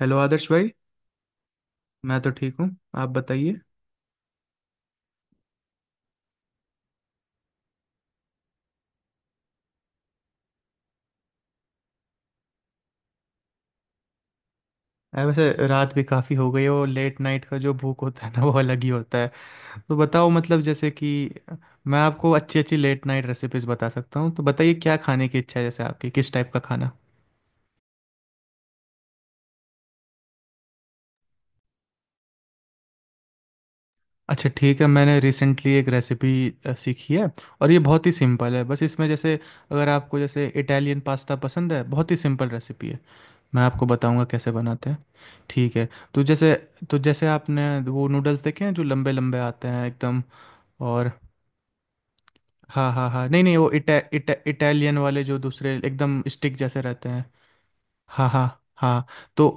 Hello Adarsh भाई। मैं तो ठीक हूँ। आप बताइए। अरे वैसे रात भी काफ़ी हो गई है, वो लेट नाइट का जो भूख होता है ना वो अलग ही होता है। तो बताओ मतलब जैसे कि मैं आपको अच्छी अच्छी लेट नाइट रेसिपीज़ बता सकता हूँ, तो बताइए क्या खाने की इच्छा है, जैसे आपकी किस टाइप का खाना। अच्छा ठीक है, मैंने रिसेंटली एक रेसिपी सीखी है और ये बहुत ही सिंपल है। बस इसमें जैसे अगर आपको जैसे इटालियन पास्ता पसंद है, बहुत ही सिंपल रेसिपी है। मैं आपको बताऊंगा कैसे बनाते हैं। ठीक है। तो जैसे तो जैसे आपने वो नूडल्स देखे हैं जो लंबे लंबे आते हैं एकदम। और हाँ हाँ हाँ, नहीं नहीं, वो इटा, इटा, इटालियन वाले जो दूसरे एकदम स्टिक जैसे रहते हैं। हाँ हाँ। हाँ। तो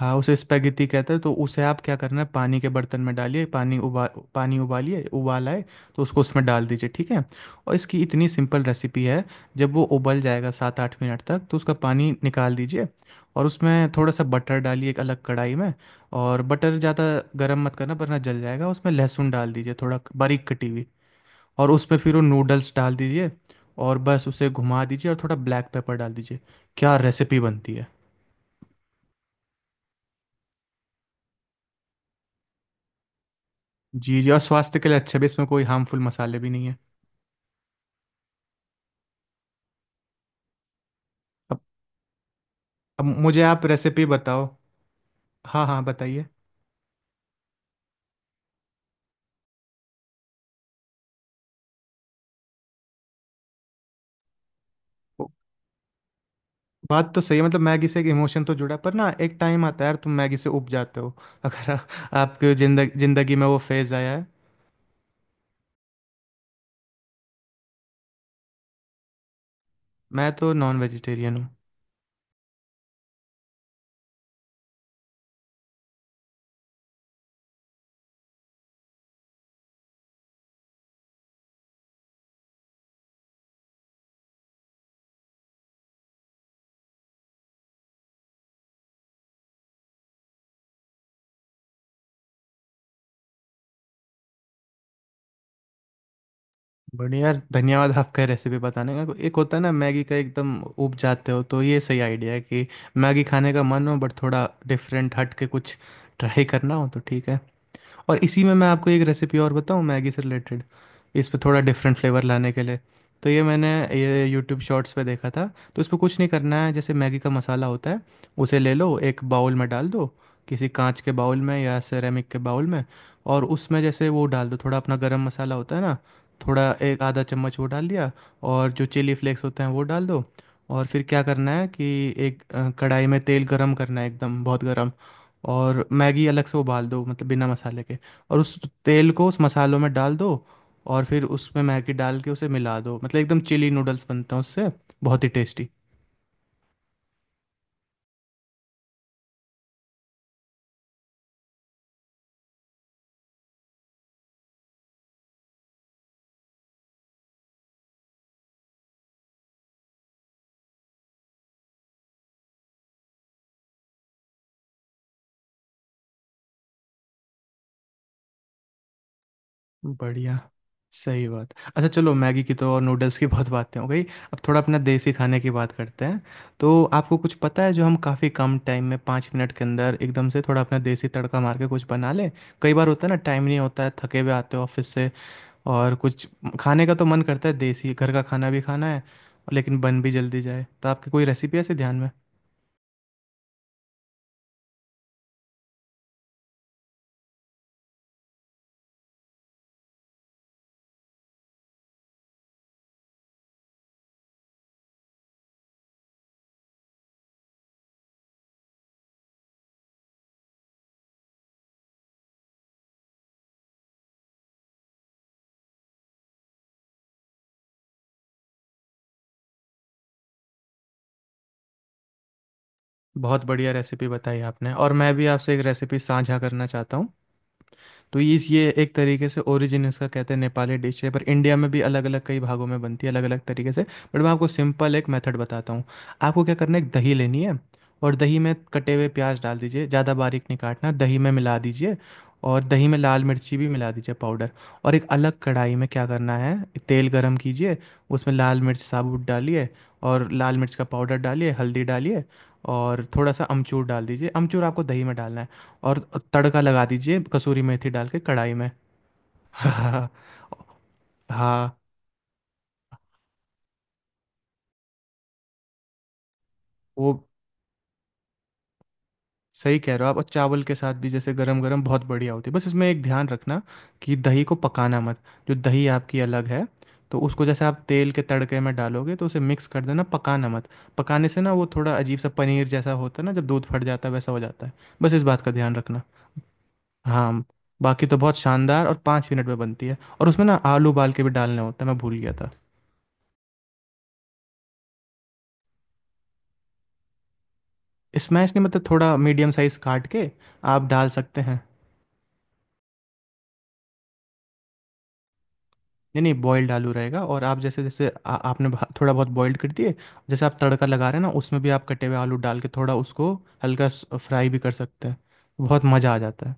हाँ, उसे स्पेगेटी कहते हैं। तो उसे आप क्या करना है, पानी के बर्तन में डालिए, पानी उबालिए, उबाल आए तो उसको उसमें डाल दीजिए। ठीक है। और इसकी इतनी सिंपल रेसिपी है। जब वो उबल जाएगा 7-8 मिनट तक, तो उसका पानी निकाल दीजिए। और उसमें थोड़ा सा बटर डालिए एक अलग कढ़ाई में। और बटर ज़्यादा गर्म मत करना वरना जल जाएगा, उसमें लहसुन डाल दीजिए थोड़ा बारीक कटी हुई। और उसमें फिर वो नूडल्स डाल दीजिए। और बस उसे घुमा दीजिए और थोड़ा ब्लैक पेपर डाल दीजिए। क्या रेसिपी बनती है। जी जी, और स्वास्थ्य के लिए अच्छा भी, इसमें कोई हार्मफुल मसाले भी नहीं है। अब अब मुझे आप रेसिपी बताओ। हाँ हाँ, बताइए। वो- बात तो सही है, मतलब मैगी से एक इमोशन तो जुड़ा है, पर ना एक टाइम आता है यार, तुम मैगी से उब जाते हो अगर आपके जिंदगी जिंदगी में वो फेज़ आया है। मैं तो नॉन वेजिटेरियन हूँ। बढ़िया यार, धन्यवाद आपका रेसिपी बताने का। एक होता है ना मैगी का, एकदम उब जाते हो, तो ये सही आइडिया है कि मैगी खाने का मन हो बट थोड़ा डिफरेंट हट के कुछ ट्राई करना हो तो, ठीक है। और इसी में मैं आपको एक रेसिपी और बताऊँ मैगी से रिलेटेड, इस पे थोड़ा डिफरेंट फ्लेवर लाने के लिए। तो ये मैंने ये यूट्यूब शॉर्ट्स पे देखा था। तो इसमें कुछ नहीं करना है, जैसे मैगी का मसाला होता है उसे ले लो, एक बाउल में डाल दो, किसी कांच के बाउल में या सेरेमिक के बाउल में। और उसमें जैसे वो डाल दो थोड़ा अपना गरम मसाला होता है ना, थोड़ा एक आधा चम्मच वो डाल दिया। और जो चिली फ्लेक्स होते हैं वो डाल दो। और फिर क्या करना है कि एक कढ़ाई में तेल गरम करना है, एकदम बहुत गरम। और मैगी अलग से उबाल दो, मतलब बिना मसाले के। और उस तेल को उस मसालों में डाल दो। और फिर उसमें मैगी डाल के उसे मिला दो, मतलब एकदम चिली नूडल्स बनते हैं उससे, बहुत ही टेस्टी। बढ़िया, सही बात। अच्छा चलो, मैगी की तो और नूडल्स की बहुत बातें हो गई। अब थोड़ा अपना देसी खाने की बात करते हैं। तो आपको कुछ पता है जो हम काफ़ी कम टाइम में 5 मिनट के अंदर एकदम से थोड़ा अपना देसी तड़का मार के कुछ बना लें? कई बार होता है ना, टाइम नहीं होता है, थके हुए आते हो ऑफिस से और कुछ खाने का तो मन करता है, देसी घर का खाना भी खाना है लेकिन बन भी जल्दी जाए, तो आपकी कोई रेसिपी है ऐसे ध्यान में? बहुत बढ़िया रेसिपी बताई आपने, और मैं भी आपसे एक रेसिपी साझा करना चाहता हूँ। तो इस ये एक तरीके से, ओरिजिन इसका कहते हैं नेपाली डिश है, पर इंडिया में भी अलग अलग कई भागों में बनती है अलग अलग तरीके से, बट मैं आपको सिंपल एक मेथड बताता हूँ। आपको क्या करना है, एक दही लेनी है। और दही में कटे हुए प्याज डाल दीजिए, ज़्यादा बारीक नहीं काटना, दही में मिला दीजिए। और दही में लाल मिर्ची भी मिला दीजिए, पाउडर। और एक अलग कढ़ाई में क्या करना है, तेल गरम कीजिए। उसमें लाल मिर्च साबुत डालिए, और लाल मिर्च का पाउडर डालिए, हल्दी डालिए। और थोड़ा सा अमचूर डाल दीजिए, अमचूर आपको दही में डालना है। और तड़का लगा दीजिए कसूरी मेथी डाल के कढ़ाई में हाँ, वो सही कह रहे हो आप। और चावल के साथ भी जैसे गरम गरम बहुत बढ़िया होती है, बस इसमें एक ध्यान रखना कि दही को पकाना मत। जो दही आपकी अलग है, तो उसको जैसे आप तेल के तड़के में डालोगे, तो उसे मिक्स कर देना, पकाना मत। पकाने से ना वो थोड़ा अजीब सा पनीर जैसा होता है ना, जब दूध फट जाता है वैसा हो जाता है। बस इस बात का ध्यान रखना। हाँ, बाकी तो बहुत शानदार, और 5 मिनट में बनती है। और उसमें ना आलू उबाल के भी डालने होते हैं, मैं भूल गया था। स्मैश नहीं, मतलब थोड़ा मीडियम साइज काट के आप डाल सकते हैं। नहीं नहीं, बॉयल्ड आलू रहेगा। और आप जैसे जैसे आपने थोड़ा बहुत बॉयल्ड कर दिए, जैसे आप तड़का लगा रहे हैं ना, उसमें भी आप कटे हुए आलू डाल के थोड़ा उसको हल्का फ्राई भी कर सकते हैं। बहुत मज़ा आ जाता है।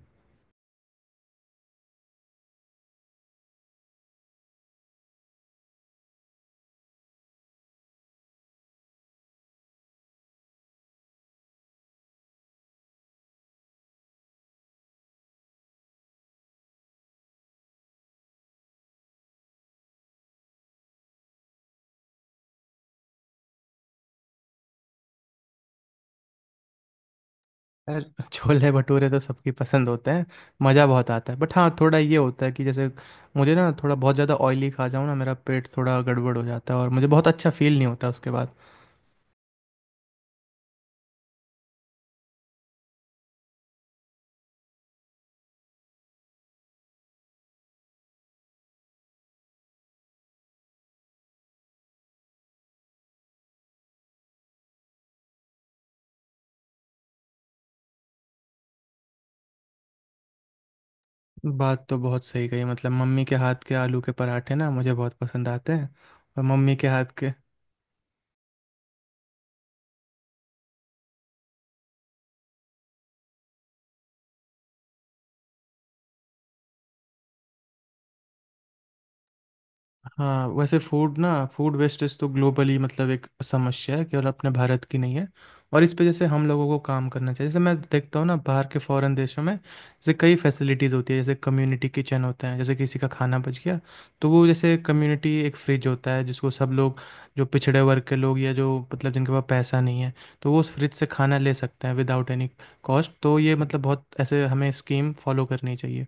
यार छोले भटूरे तो सबकी पसंद होते हैं, मज़ा बहुत आता है, बट हाँ थोड़ा ये होता है कि जैसे मुझे ना थोड़ा बहुत ज़्यादा ऑयली खा जाऊँ ना, मेरा पेट थोड़ा गड़बड़ हो जाता है और मुझे बहुत अच्छा फील नहीं होता उसके बाद। बात तो बहुत सही कही, मतलब मम्मी के हाथ के आलू के पराठे ना मुझे बहुत पसंद आते हैं। और मम्मी के हाथ के। हाँ वैसे फूड वेस्टेज तो ग्लोबली मतलब एक समस्या है, केवल अपने भारत की नहीं है। और इस पे जैसे हम लोगों को काम करना चाहिए, जैसे मैं देखता हूँ ना, बाहर के फॉरेन देशों में जैसे कई फैसिलिटीज़ होती है, जैसे कम्युनिटी किचन होते हैं, जैसे किसी का खाना बच गया तो वो जैसे कम्युनिटी एक फ्रिज होता है जिसको सब लोग, जो पिछड़े वर्ग के लोग या जो मतलब जिनके पास पैसा नहीं है, तो वो उस फ्रिज से खाना ले सकते हैं विदाउट एनी कॉस्ट। तो ये मतलब बहुत ऐसे हमें स्कीम फॉलो करनी चाहिए।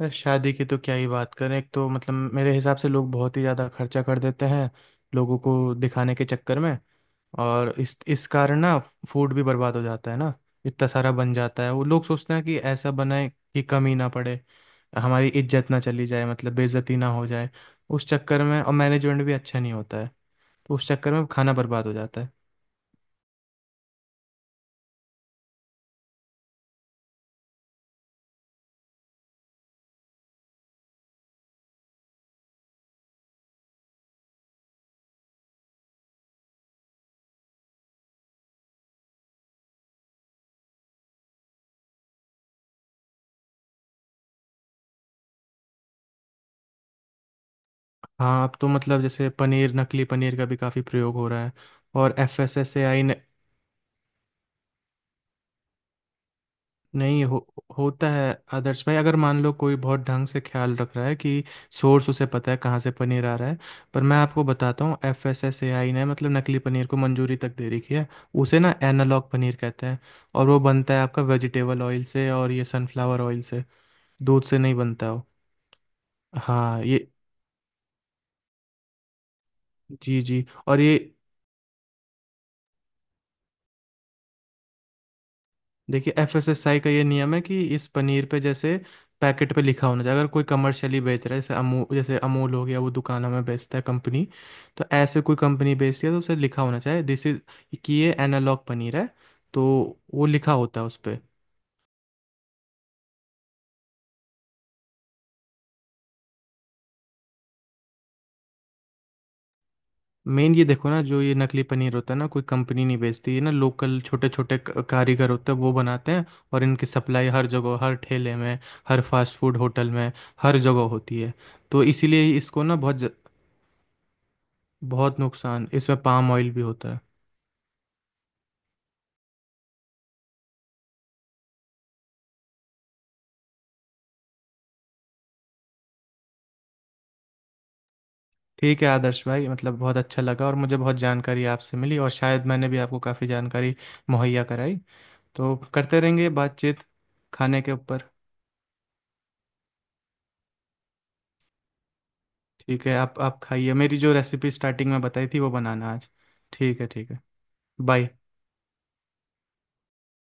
अरे शादी की तो क्या ही बात करें, एक तो मतलब मेरे हिसाब से लोग बहुत ही ज़्यादा खर्चा कर देते हैं लोगों को दिखाने के चक्कर में। और इस कारण ना फूड भी बर्बाद हो जाता है ना। इतना सारा बन जाता है, वो लोग सोचते हैं कि ऐसा बनाए कि कमी ना पड़े, हमारी इज्जत ना चली जाए, मतलब बेइज्जती ना हो जाए। उस चक्कर में और मैनेजमेंट भी अच्छा नहीं होता है, तो उस चक्कर में खाना बर्बाद हो जाता है। हाँ, अब तो मतलब जैसे पनीर, नकली पनीर का भी काफ़ी प्रयोग हो रहा है। और FSSAI... नहीं हो, होता है आदर्श भाई, अगर मान लो कोई बहुत ढंग से ख्याल रख रहा है कि सोर्स उसे पता है कहाँ से पनीर आ रहा है। पर मैं आपको बताता हूँ, FSSAI ने मतलब नकली पनीर को मंजूरी तक दे रखी है, उसे ना एनालॉग पनीर कहते हैं। और वो बनता है आपका वेजिटेबल ऑयल से और ये सनफ्लावर ऑयल से, दूध से नहीं बनता वो। हाँ ये, जी जी, और ये देखिए FSSAI का ये नियम है कि इस पनीर पे जैसे पैकेट पे लिखा होना चाहिए, अगर कोई कमर्शियली बेच रहा है, जैसे अमूल, जैसे अमूल हो गया, वो दुकानों में बेचता है कंपनी। तो ऐसे कोई कंपनी बेचती है तो उसे लिखा होना चाहिए दिस इज, कि ये एनालॉग पनीर है। तो वो लिखा होता है उस पर। मेन ये देखो ना, जो ये नकली पनीर होता है ना, कोई कंपनी नहीं बेचती ये ना, लोकल छोटे छोटे कारीगर होते हैं वो बनाते हैं। और इनकी सप्लाई हर जगह, हर ठेले में, हर फास्ट फूड होटल में, हर जगह होती है। तो इसीलिए इसको ना बहुत बहुत नुकसान, इसमें पाम ऑयल भी होता है। ठीक है आदर्श भाई, मतलब बहुत अच्छा लगा और मुझे बहुत जानकारी आपसे मिली, और शायद मैंने भी आपको काफ़ी जानकारी मुहैया कराई, तो करते रहेंगे बातचीत खाने के ऊपर। ठीक है, आप खाइए, मेरी जो रेसिपी स्टार्टिंग में बताई थी वो बनाना आज। ठीक है, ठीक है। बाय।